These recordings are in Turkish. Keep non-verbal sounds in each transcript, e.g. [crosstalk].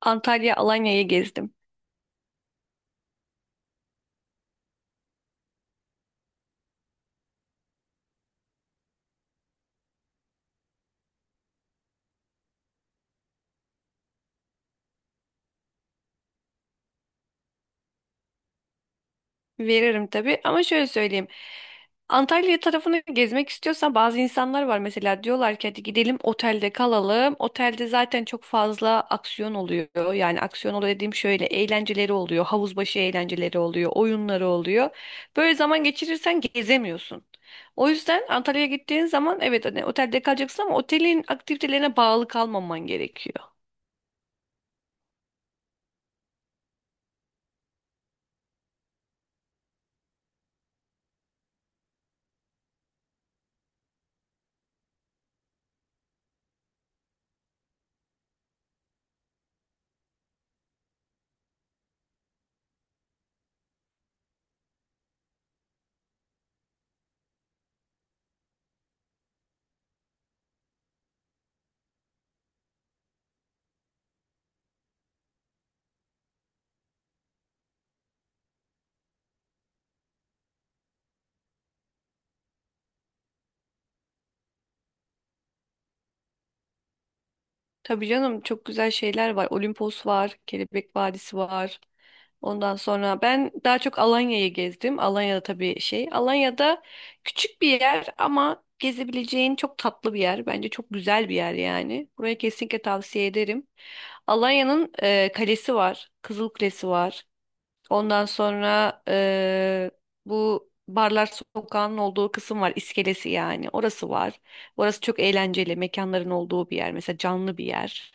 Antalya, Alanya'yı gezdim. Veririm tabii ama şöyle söyleyeyim. Antalya tarafını gezmek istiyorsan bazı insanlar var mesela diyorlar ki hadi gidelim otelde kalalım. Otelde zaten çok fazla aksiyon oluyor. Yani aksiyon oluyor dediğim şöyle eğlenceleri oluyor. Havuz başı eğlenceleri oluyor. Oyunları oluyor. Böyle zaman geçirirsen gezemiyorsun. O yüzden Antalya'ya gittiğin zaman evet hani otelde kalacaksın ama otelin aktivitelerine bağlı kalmaman gerekiyor. Tabii canım çok güzel şeyler var. Olimpos var, Kelebek Vadisi var. Ondan sonra ben daha çok Alanya'yı gezdim. Alanya'da tabii şey. Alanya'da küçük bir yer ama gezebileceğin çok tatlı bir yer. Bence çok güzel bir yer yani. Buraya kesinlikle tavsiye ederim. Alanya'nın kalesi var. Kızıl Kulesi var. Ondan sonra bu Barlar Sokağı'nın olduğu kısım var. İskelesi yani. Orası var. Orası çok eğlenceli. Mekanların olduğu bir yer. Mesela canlı bir yer.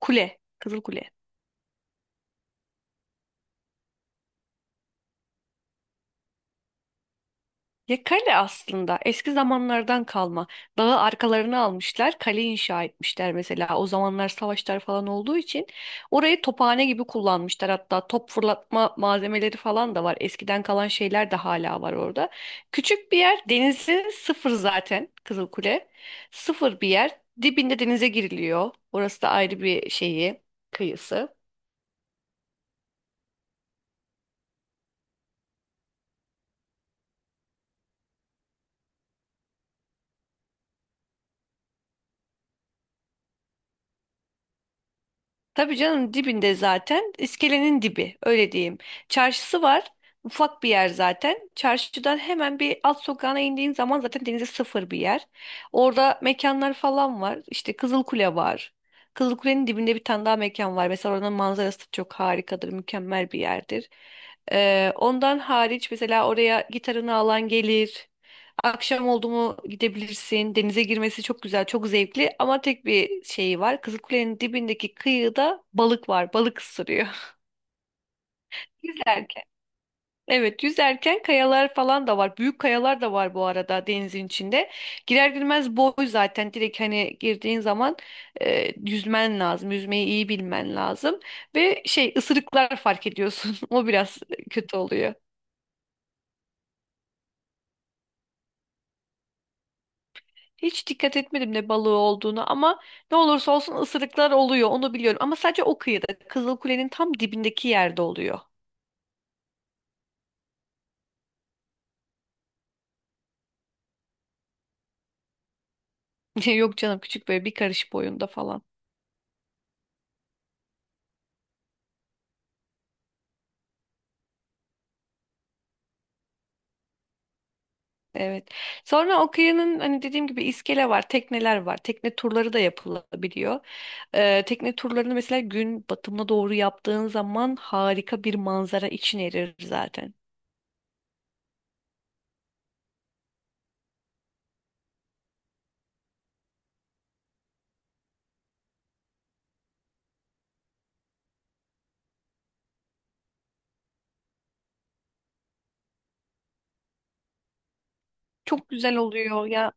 Kule. Kızıl Kule. Ya kale aslında eski zamanlardan kalma. Dağı arkalarına almışlar, kale inşa etmişler mesela. O zamanlar savaşlar falan olduğu için orayı tophane gibi kullanmışlar. Hatta top fırlatma malzemeleri falan da var. Eskiden kalan şeyler de hala var orada. Küçük bir yer, denizi sıfır zaten Kızılkule. Sıfır bir yer. Dibinde denize giriliyor. Orası da ayrı bir şeyi, kıyısı. Tabii canım dibinde zaten. İskelenin dibi öyle diyeyim. Çarşısı var. Ufak bir yer zaten. Çarşıdan hemen bir alt sokağına indiğin zaman zaten denize sıfır bir yer. Orada mekanlar falan var. İşte Kızılkule var. Kızılkule'nin dibinde bir tane daha mekan var. Mesela oranın manzarası çok harikadır, mükemmel bir yerdir. Ondan hariç mesela oraya gitarını alan gelir. Akşam oldu mu gidebilirsin. Denize girmesi çok güzel, çok zevkli ama tek bir şeyi var. Kızılkule'nin dibindeki kıyıda balık var. Balık ısırıyor. [laughs] Yüzerken. Evet, yüzerken kayalar falan da var. Büyük kayalar da var bu arada denizin içinde. Girer girmez boy zaten. Direkt hani girdiğin zaman yüzmen lazım. Yüzmeyi iyi bilmen lazım. Ve ısırıklar fark ediyorsun. [laughs] O biraz kötü oluyor. Hiç dikkat etmedim ne balığı olduğunu ama ne olursa olsun ısırıklar oluyor onu biliyorum. Ama sadece o kıyıda Kızılkule'nin tam dibindeki yerde oluyor. [laughs] Yok canım küçük böyle bir karış boyunda falan. Evet. Sonra o kıyının hani dediğim gibi iskele var, tekneler var. Tekne turları da yapılabiliyor. Tekne turlarını mesela gün batımına doğru yaptığın zaman harika bir manzara için erir zaten. Çok güzel oluyor.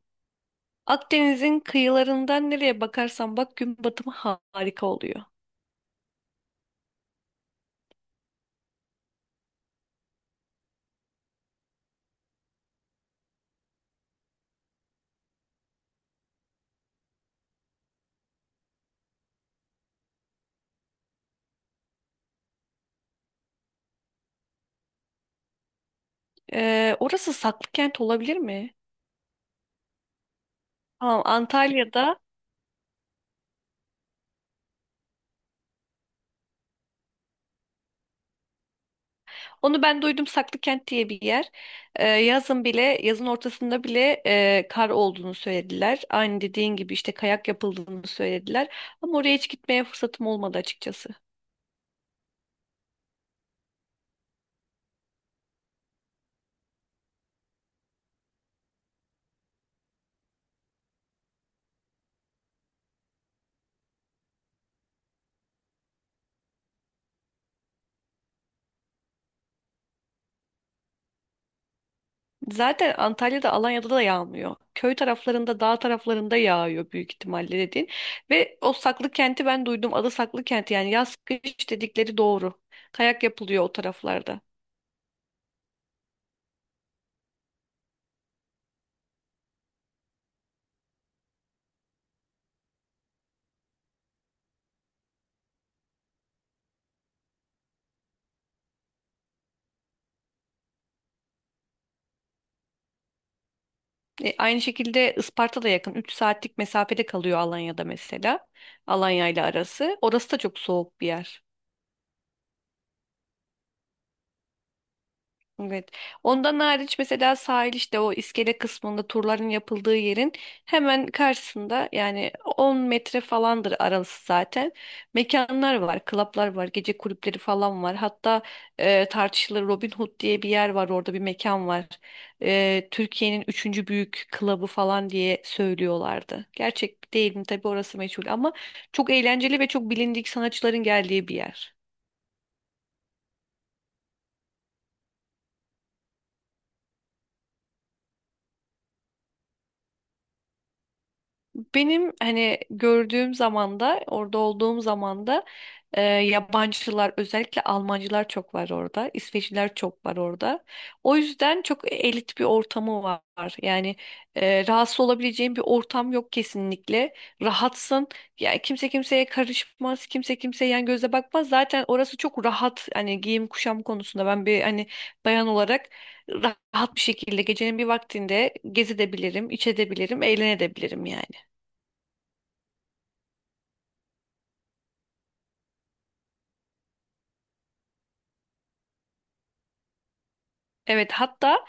Akdeniz'in kıyılarından nereye bakarsan bak gün batımı harika oluyor. Orası Saklıkent olabilir mi? Tamam, Antalya'da. Onu ben duydum Saklıkent diye bir yer. Yazın bile, yazın ortasında bile kar olduğunu söylediler. Aynı dediğin gibi işte kayak yapıldığını söylediler. Ama oraya hiç gitmeye fırsatım olmadı açıkçası. Zaten Antalya'da, Alanya'da da yağmıyor. Köy taraflarında, dağ taraflarında yağıyor büyük ihtimalle dediğin. Ve o Saklıkent'i ben duydum. Adı Saklıkent yani yaz kış dedikleri doğru. Kayak yapılıyor o taraflarda. Aynı şekilde Isparta da yakın. 3 saatlik mesafede kalıyor Alanya'da mesela. Alanya ile arası. Orası da çok soğuk bir yer. Evet. Ondan hariç mesela sahil işte o iskele kısmında turların yapıldığı yerin hemen karşısında yani 10 metre falandır arası zaten. Mekanlar var, klaplar var, gece kulüpleri falan var. Hatta tartışılır Robin Hood diye bir yer var orada bir mekan var. Türkiye'nin üçüncü büyük klabı falan diye söylüyorlardı. Gerçek değil mi? Tabii orası meçhul ama çok eğlenceli ve çok bilindik sanatçıların geldiği bir yer. Benim hani gördüğüm zamanda, orada olduğum zamanda yabancılar, özellikle Almancılar çok var orada, İsveçliler çok var orada. O yüzden çok elit bir ortamı var. Yani rahatsız olabileceğin bir ortam yok kesinlikle. Rahatsın. Yani kimse kimseye karışmaz, kimse kimseye yan göze bakmaz. Zaten orası çok rahat. Hani giyim kuşam konusunda ben bir hani bayan olarak rahat bir şekilde gecenin bir vaktinde gezebilirim, içebilirim, eğlenebilirim yani. Evet hatta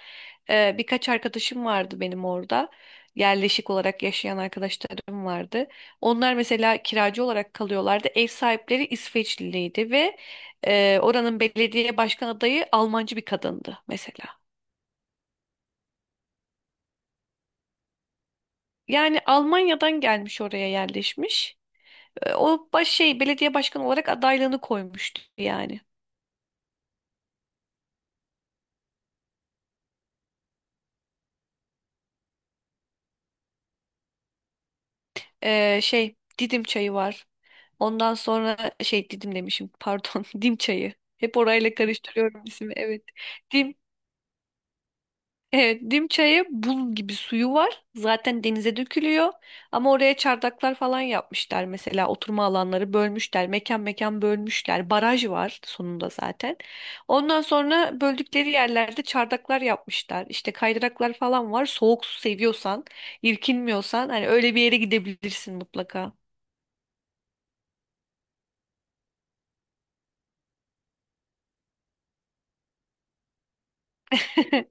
birkaç arkadaşım vardı benim orada. Yerleşik olarak yaşayan arkadaşlarım vardı. Onlar mesela kiracı olarak kalıyorlardı. Ev sahipleri İsveçliydi ve oranın belediye başkan adayı Almancı bir kadındı mesela. Yani Almanya'dan gelmiş oraya yerleşmiş. E, o baş şey belediye başkanı olarak adaylığını koymuştu yani. Didim çayı var. Ondan sonra Didim demişim pardon [laughs] Dim çayı. Hep orayla karıştırıyorum ismi evet. Dim evet Dim çayı buz gibi suyu var. Zaten denize dökülüyor. Ama oraya çardaklar falan yapmışlar mesela oturma alanları bölmüşler. Mekan mekan bölmüşler. Baraj var sonunda zaten. Ondan sonra böldükleri yerlerde çardaklar yapmışlar. İşte kaydıraklar falan var. Soğuk su seviyorsan, irkinmiyorsan hani öyle bir yere gidebilirsin mutlaka. [laughs]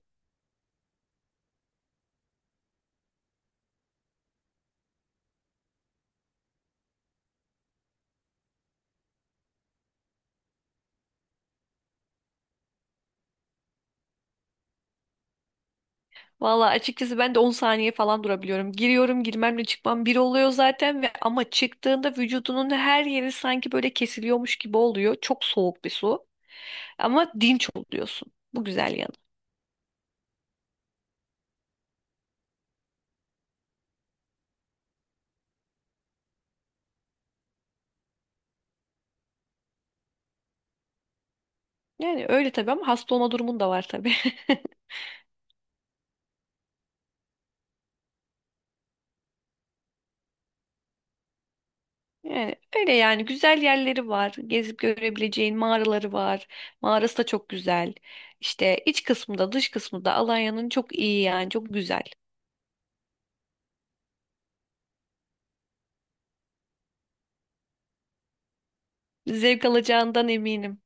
Valla açıkçası ben de 10 saniye falan durabiliyorum. Giriyorum, girmemle çıkmam bir oluyor zaten ve ama çıktığında vücudunun her yeri sanki böyle kesiliyormuş gibi oluyor. Çok soğuk bir su. Ama dinç oluyorsun. Bu güzel yanı. Yani öyle tabii ama hasta olma durumun da var tabii. [laughs] Yani öyle yani güzel yerleri var. Gezip görebileceğin mağaraları var. Mağarası da çok güzel. İşte iç kısmı da dış kısmı da Alanya'nın çok iyi yani çok güzel. Zevk alacağından eminim.